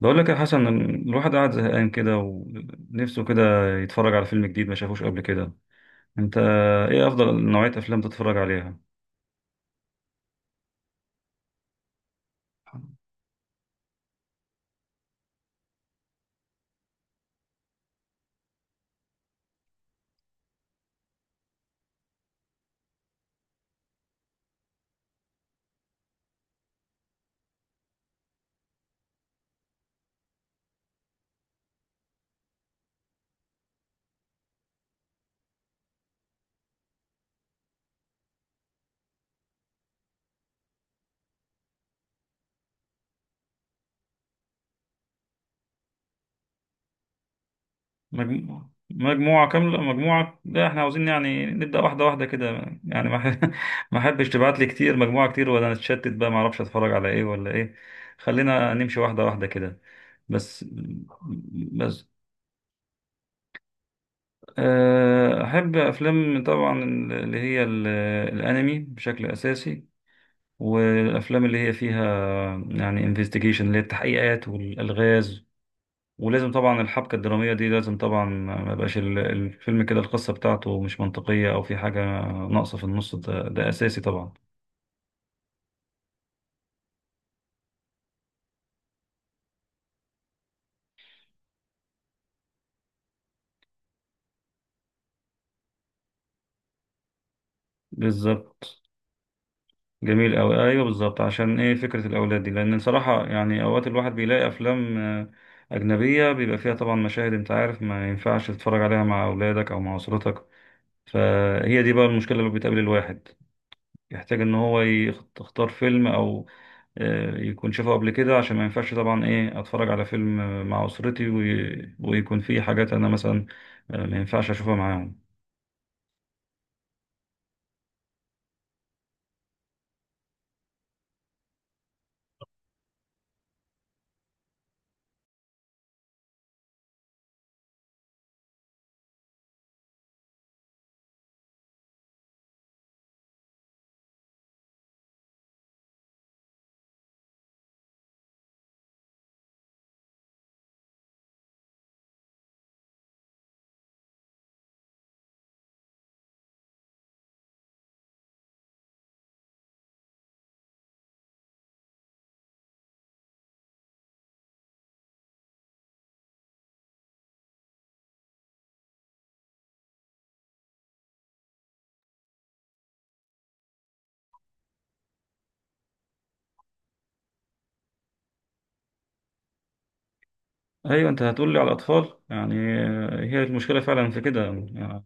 بقول لك يا حسن، الواحد قاعد زهقان كده ونفسه كده يتفرج على فيلم جديد ما شافوش قبل كده. انت ايه افضل نوعية افلام تتفرج عليها؟ مجموعة؟ مجموعة كاملة؟ مجموعة؟ لا، احنا عاوزين يعني نبدأ واحدة واحدة كده. يعني ما ح- ما احبش تبعت لي كتير، مجموعة كتير ولا نتشتت بقى ما اعرفش اتفرج على ايه ولا ايه. خلينا نمشي واحدة واحدة كده. بس بس. احب افلام طبعا، اللي هي الانمي بشكل اساسي، والافلام اللي هي فيها يعني انفستيجيشن اللي هي التحقيقات والالغاز. ولازم طبعا الحبكه الدراميه دي، لازم طبعا ما يبقاش الفيلم كده القصه بتاعته مش منطقيه او في حاجه ناقصه في النص ده، ده اساسي طبعا. بالظبط. جميل أوي، ايوه بالظبط. عشان ايه فكره الاولاد دي؟ لان صراحه يعني اوقات الواحد بيلاقي افلام اجنبيه بيبقى فيها طبعا مشاهد، انت عارف، ما ينفعش تتفرج عليها مع اولادك او مع اسرتك. فهي دي بقى المشكله اللي بتقابل الواحد، يحتاج ان هو يختار فيلم او يكون شافه قبل كده، عشان ما ينفعش طبعا ايه اتفرج على فيلم مع اسرتي ويكون فيه حاجات انا مثلا ما ينفعش اشوفها معاهم. ايوه، انت هتقول لي على الاطفال يعني. هي المشكله فعلا في كده يعني،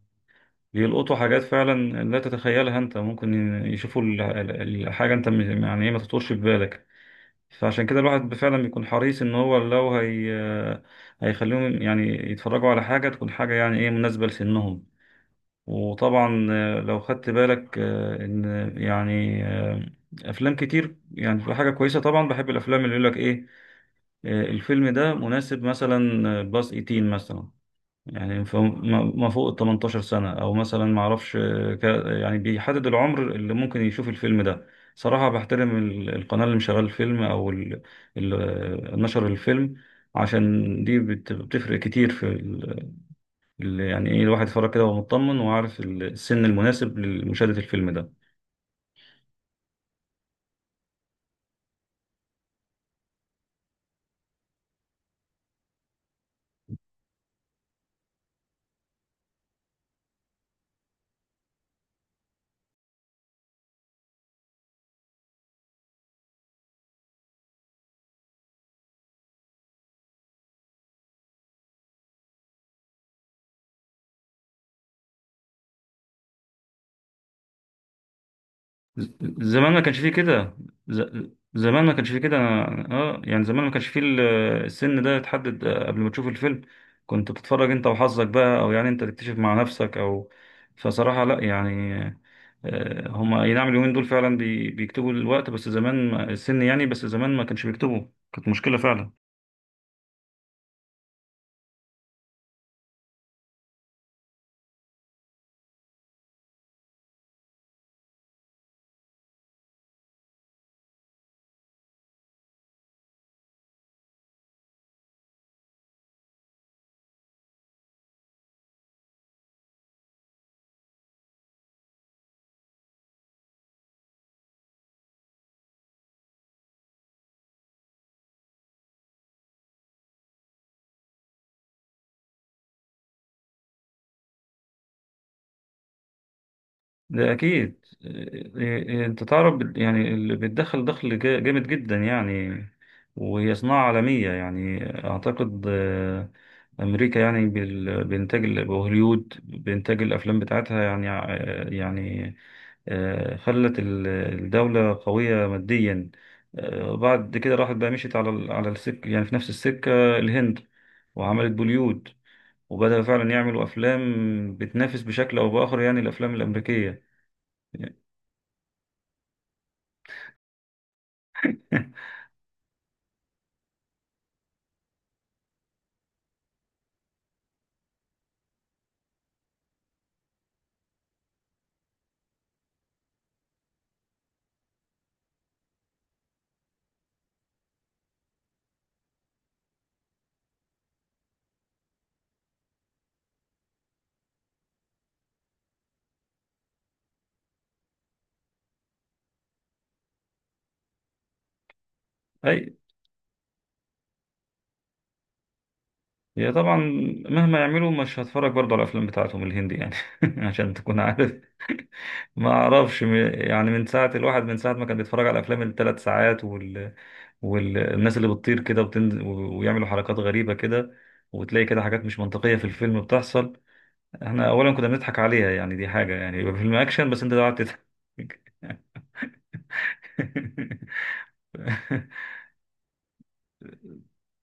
بيلقطوا حاجات فعلا لا تتخيلها، انت ممكن يشوفوا الحاجه، انت يعني ايه ما تخطرش في بالك. فعشان كده الواحد فعلا بيكون حريص ان هو لو هي هيخليهم يعني يتفرجوا على حاجه، تكون حاجه يعني ايه مناسبه لسنهم. وطبعا لو خدت بالك ان يعني افلام كتير يعني في حاجه كويسه، طبعا بحب الافلام اللي يقول لك ايه الفيلم ده مناسب مثلا باس 18 مثلا، يعني ما فوق ال 18 سنه، او مثلا ما اعرفش يعني بيحدد العمر اللي ممكن يشوف الفيلم ده. صراحه بحترم القناه اللي مشغله الفيلم او ال- نشر الفيلم. عشان دي بتفرق كتير في اللي يعني ايه الواحد يتفرج كده وهو مطمن وعارف السن المناسب لمشاهدة الفيلم ده. ز- زمان ما كانش فيه كده. زمان ما كانش فيه كده، يعني زمان ما كانش فيه السن ده يتحدد قبل ما تشوف الفيلم، كنت بتتفرج انت وحظك بقى، او يعني انت تكتشف مع نفسك او. فصراحة لا يعني هما اي نعم اليومين دول فعلا بيكتبوا الوقت، بس زمان السن يعني، بس زمان ما كانش بيكتبوا، كانت مشكلة فعلا. ده أكيد. إيه- إيه، أنت تعرف يعني اللي بتدخل دخل جامد جدا يعني. وهي صناعة عالمية، يعني أعتقد أمريكا يعني بإنتاج وهوليود بإنتاج الأفلام بتاعتها، يعني يعني خلت الدولة قوية ماديا. بعد كده راحت بقى مشيت على على السكة يعني، في نفس السكة الهند وعملت بوليود، وبدأوا فعلا يعملوا أفلام بتنافس بشكل أو بآخر يعني الأفلام الأمريكية. اي، هي طبعا مهما يعملوا مش هتفرج برضه على الافلام بتاعتهم الهندي يعني. عشان تكون عارف. ما اعرفش يعني من ساعه ما كان بيتفرج على افلام الـ 3 ساعات والناس اللي بتطير كده وبتنزل ويعملوا حركات غريبه كده، وتلاقي كده حاجات مش منطقيه في الفيلم بتحصل. احنا اولا كنا بنضحك عليها، يعني دي حاجه يعني يبقى فيلم اكشن بس انت قاعد تضحك.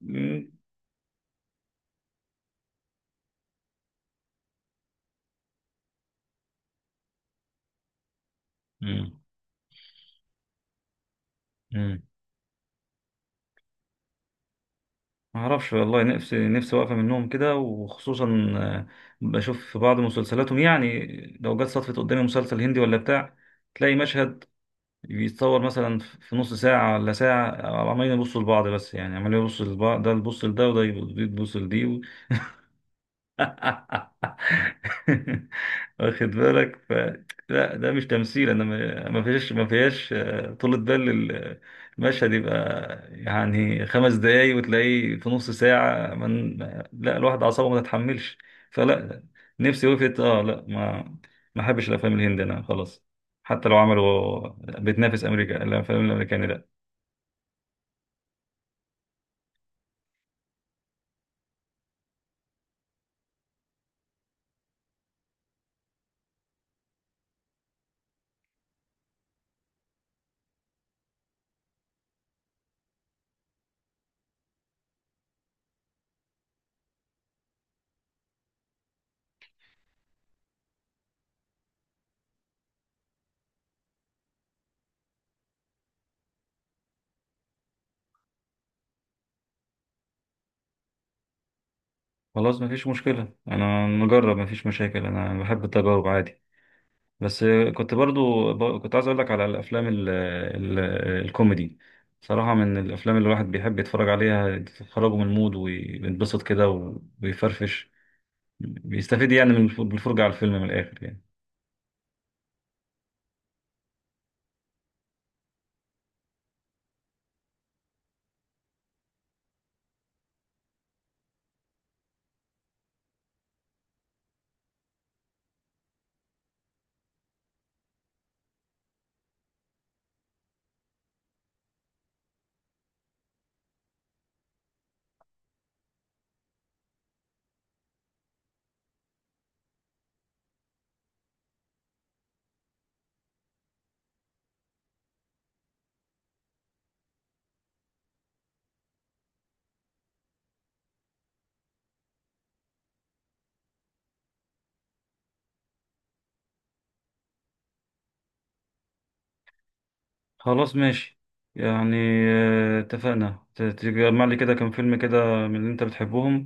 مم. مم. ما اعرفش والله، نفسي واقفه منهم كده، وخصوصا آه، بشوف في بعض مسلسلاتهم يعني، لو جت صدفه قدامي مسلسل هندي ولا بتاع، تلاقي مشهد بيتصور مثلا في نص ساعه ولا ساعه، عمالين يبصوا لبعض، بس يعني عمالين يبصوا لبعض، ده يبص لده وده يبص لدي. واخد بالك. لا، ده مش تمثيل، انا ما فيهاش طولة بال، المشهد يبقى يعني 5 دقايق وتلاقيه في نص ساعة. لا، الواحد أعصابه ما تتحملش. فلا، نفسي وقفت، لا، ما احبش الافلام الهندي انا خلاص. حتى لو عملوا بتنافس امريكا، الافلام الامريكاني لا. خلاص ما فيش مشكلة، انا نجرب، ما فيش مشاكل، انا بحب التجارب عادي. بس، كنت برضو كنت عايز اقول لك على الافلام ال ال الكوميدي، صراحة من الافلام اللي الواحد بيحب يتفرج عليها، تخرجه من المود ويتبسط كده ويفرفش، بيستفيد يعني من بالفرجة على الفيلم من الاخر يعني. خلاص ماشي، يعني اتفقنا تجمع لي كده كام فيلم كده من اللي انت بتحبهم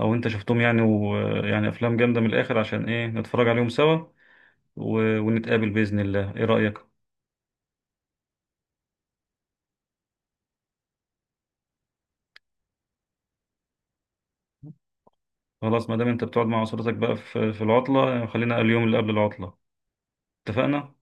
او انت شفتهم، يعني افلام جامدة من الاخر عشان ايه نتفرج عليهم سوا، ونتقابل بإذن الله، ايه رأيك؟ خلاص، ما دام انت بتقعد مع اسرتك بقى في العطله، خلينا اليوم اللي قبل العطله. اتفقنا.